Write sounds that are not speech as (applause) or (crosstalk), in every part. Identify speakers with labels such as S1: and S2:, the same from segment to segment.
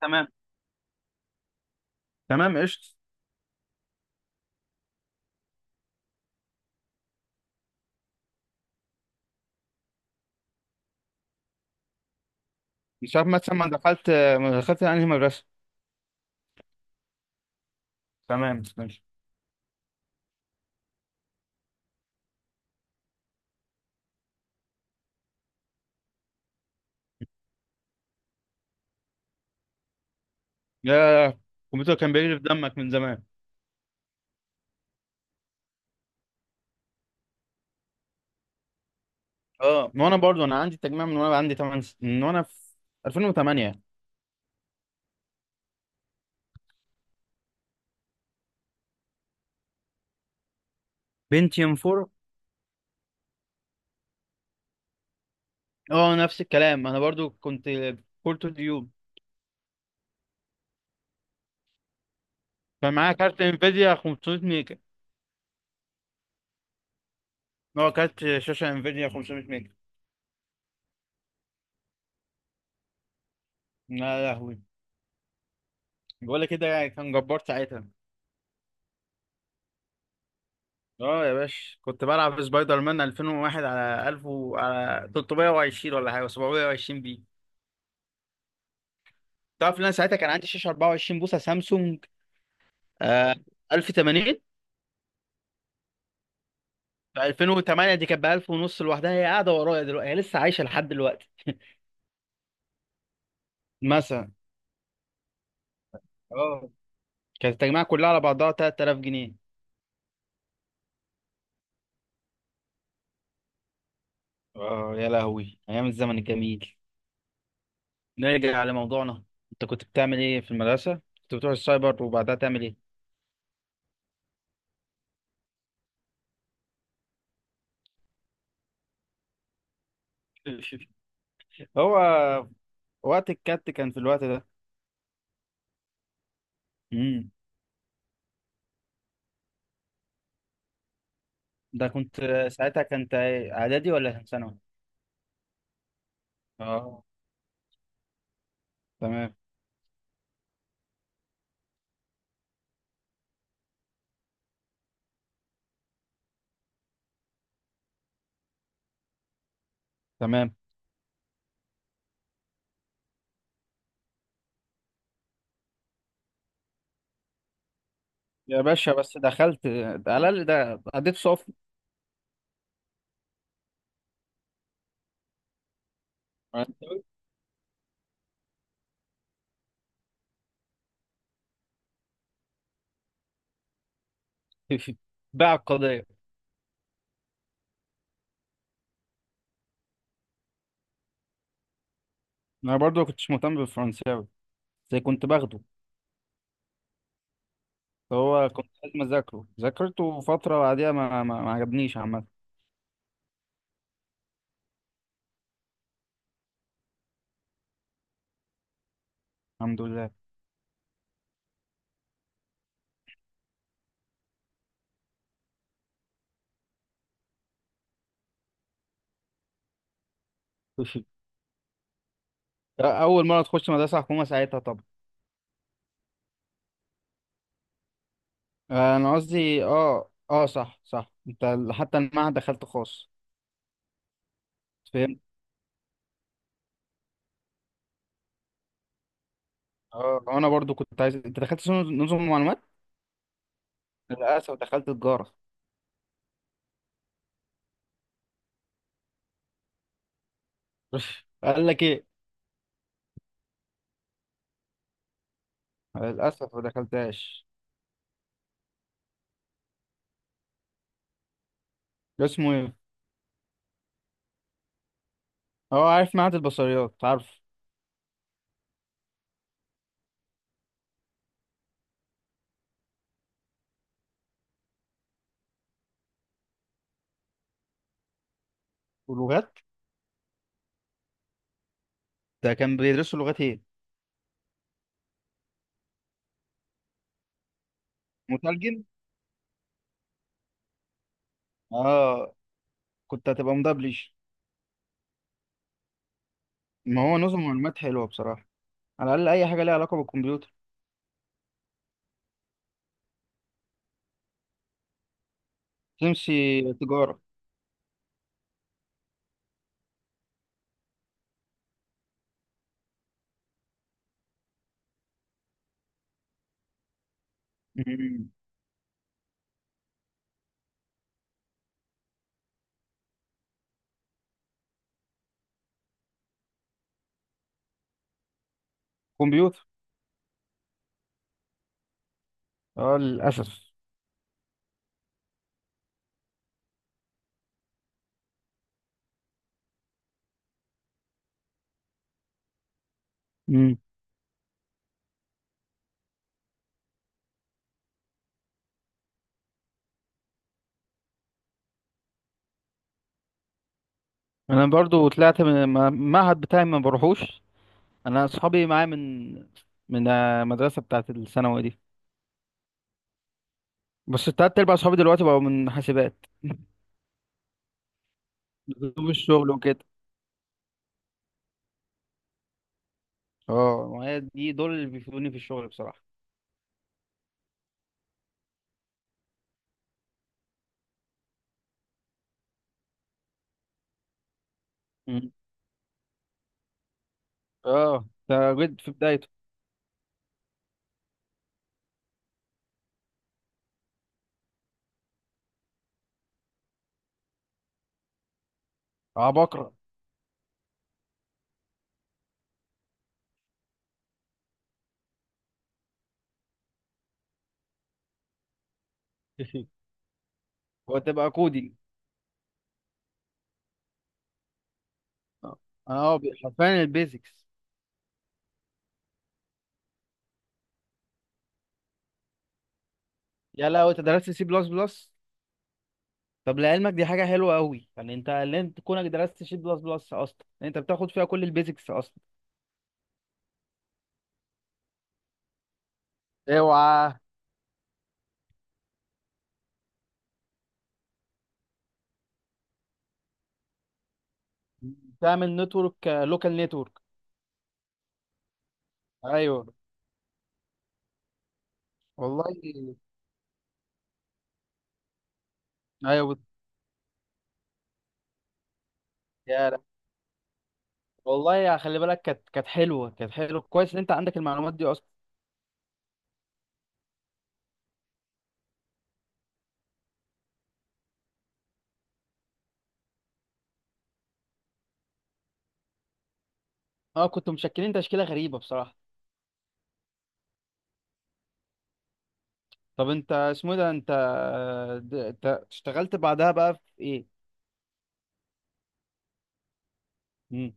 S1: تمام، تمام، قشطة. مش عارف مثلا، ما دخلت انهي مدرسة؟ تمام، ماشي. يا الكمبيوتر كان بيجري في دمك من زمان. اه، ما انا برضو انا عندي تجميع من وانا عندي 8 من وانا في 2008، بنتيوم 4. اه، نفس الكلام، انا برضو كنت كور تو ديوب. كان معايا كارت انفيديا 500 ميجا، هو كارت شاشة انفيديا 500 ميجا. يا لهوي، بقول لك كده يعني كان جبار ساعتها. اه يا باشا، كنت بلعب سبايدر مان 2001 على على 320 ولا حاجه، 720 بي. تعرف ان انا ساعتها كان عندي شاشه 24 بوصه سامسونج، آه، 1080. في 2008 دي كانت ب 1000 ونص لوحدها، هي قاعده ورايا دلوقتي، هي لسه عايشه لحد دلوقتي. مثلا. اه، كانت التجميعه كلها على بعضها 3000 جنيه. اه، يا لهوي، ايام الزمن الجميل. نرجع لموضوعنا. انت كنت بتعمل ايه في المدرسه؟ كنت بتروح السايبر وبعدها تعمل ايه؟ (laughs) هو وقت الكات كان في الوقت ده. مم. ده كنت ساعتها كنت اعدادي ولا كان ثانوي؟ اه، تمام، تمام. يا باشا، بس دخلت، على الاقل ده اديت صف. فرنساوي. (laughs) باع القضيه. انا برضو ما كنتش مهتم بالفرنساوي، زي كنت باخده، فهو كنت لازم اذاكره، ذاكرته فتره بعديها ما عجبنيش عامه. الحمد لله. (laughs) اول مره تخش مدرسه حكومه ساعتها طبعا. انا قصدي، اه، صح، صح، انت حتى المعهد دخلت خاص. فهمت. اه، انا برضو كنت عايز. انت دخلت نظم معلومات؟ للأسف دخلت تجارة. (laughs) قال لك إيه؟ للأسف ما دخلتهاش. اسمه إيه؟ هو عارف معهد البصريات، عارف. ولغات. ده كان بيدرسوا لغات إيه؟ مترجم. آه. كنت هتبقى مدبلج. ما هو نظم معلومات حلوة بصراحة، على الأقل أي حاجة ليها علاقة بالكمبيوتر. تمشي تجارة. مم. كمبيوتر. آه، للأسف. مم. أنا برضو طلعت من المعهد بتاعي ما بروحوش. أنا أصحابي معايا من المدرسة بتاعت الثانوي دي. بس التلات أرباع صحابي دلوقتي بقوا من حاسبات. (laughs) بسبب الشغل وكده. اه، وهي دي دول اللي بيفيدوني في الشغل بصراحة. مم. اه، ده جد في بدايته. عبقرة. (laughs) وتبقى كودي. اه اه، حرفيا البيزكس. يا لو انت درست سي بلس بلس. طب لعلمك دي حاجة حلوة قوي، يعني انت اللي انت كونك درست سي بلس بلس اصلا، انت بتاخد فيها كل البيزكس اصلا. اوعى. تعمل نتورك، لوكال نتورك. ايوه، والله، ايوه. يا والله، يا خلي بالك، كانت حلوه، كانت حلوه، كويس ان انت عندك المعلومات دي اصلا. اه، كنتوا مشكلين تشكيله غريبه بصراحه. طب انت اسمه إيه ده؟ انت اشتغلت بعدها بقى في ايه؟ امم.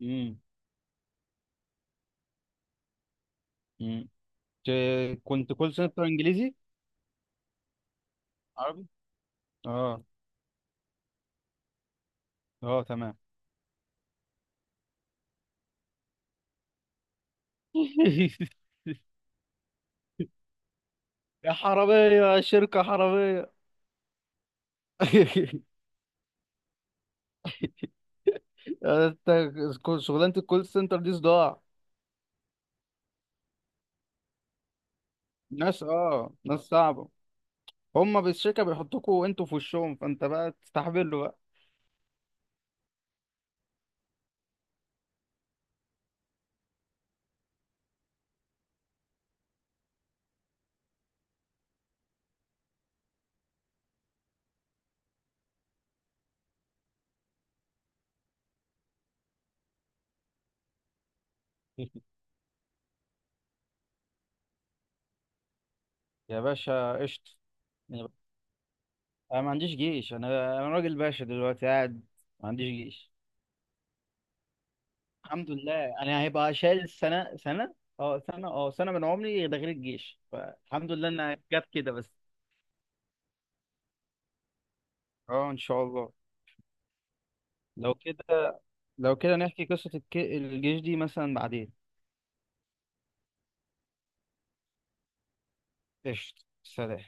S1: امم. امم. كنت كول سنتر انجليزي؟ عربي. اه، اه، تمام. (laughs) يا حراميه، شركه حراميه. (laughs) انت شغلانه الكول سنتر دي صداع. ناس صعبه. هما بالشركه بيحطوكوا انتوا في وشهم، فانت بقى تستحملوا. بقى يا باشا، قشطة. يعني، أنا ما عنديش جيش، أنا أنا راجل باشا دلوقتي قاعد، ما عنديش جيش. الحمد لله، أنا هيبقى شايل سنة سنة، أه سنة، أه سنة من عمري ده غير الجيش، فالحمد لله إنها جت كده بس. أه، إن شاء الله. لو كده لو كده نحكي قصة الجيش دي مثلا بعدين. قشطة، سلام.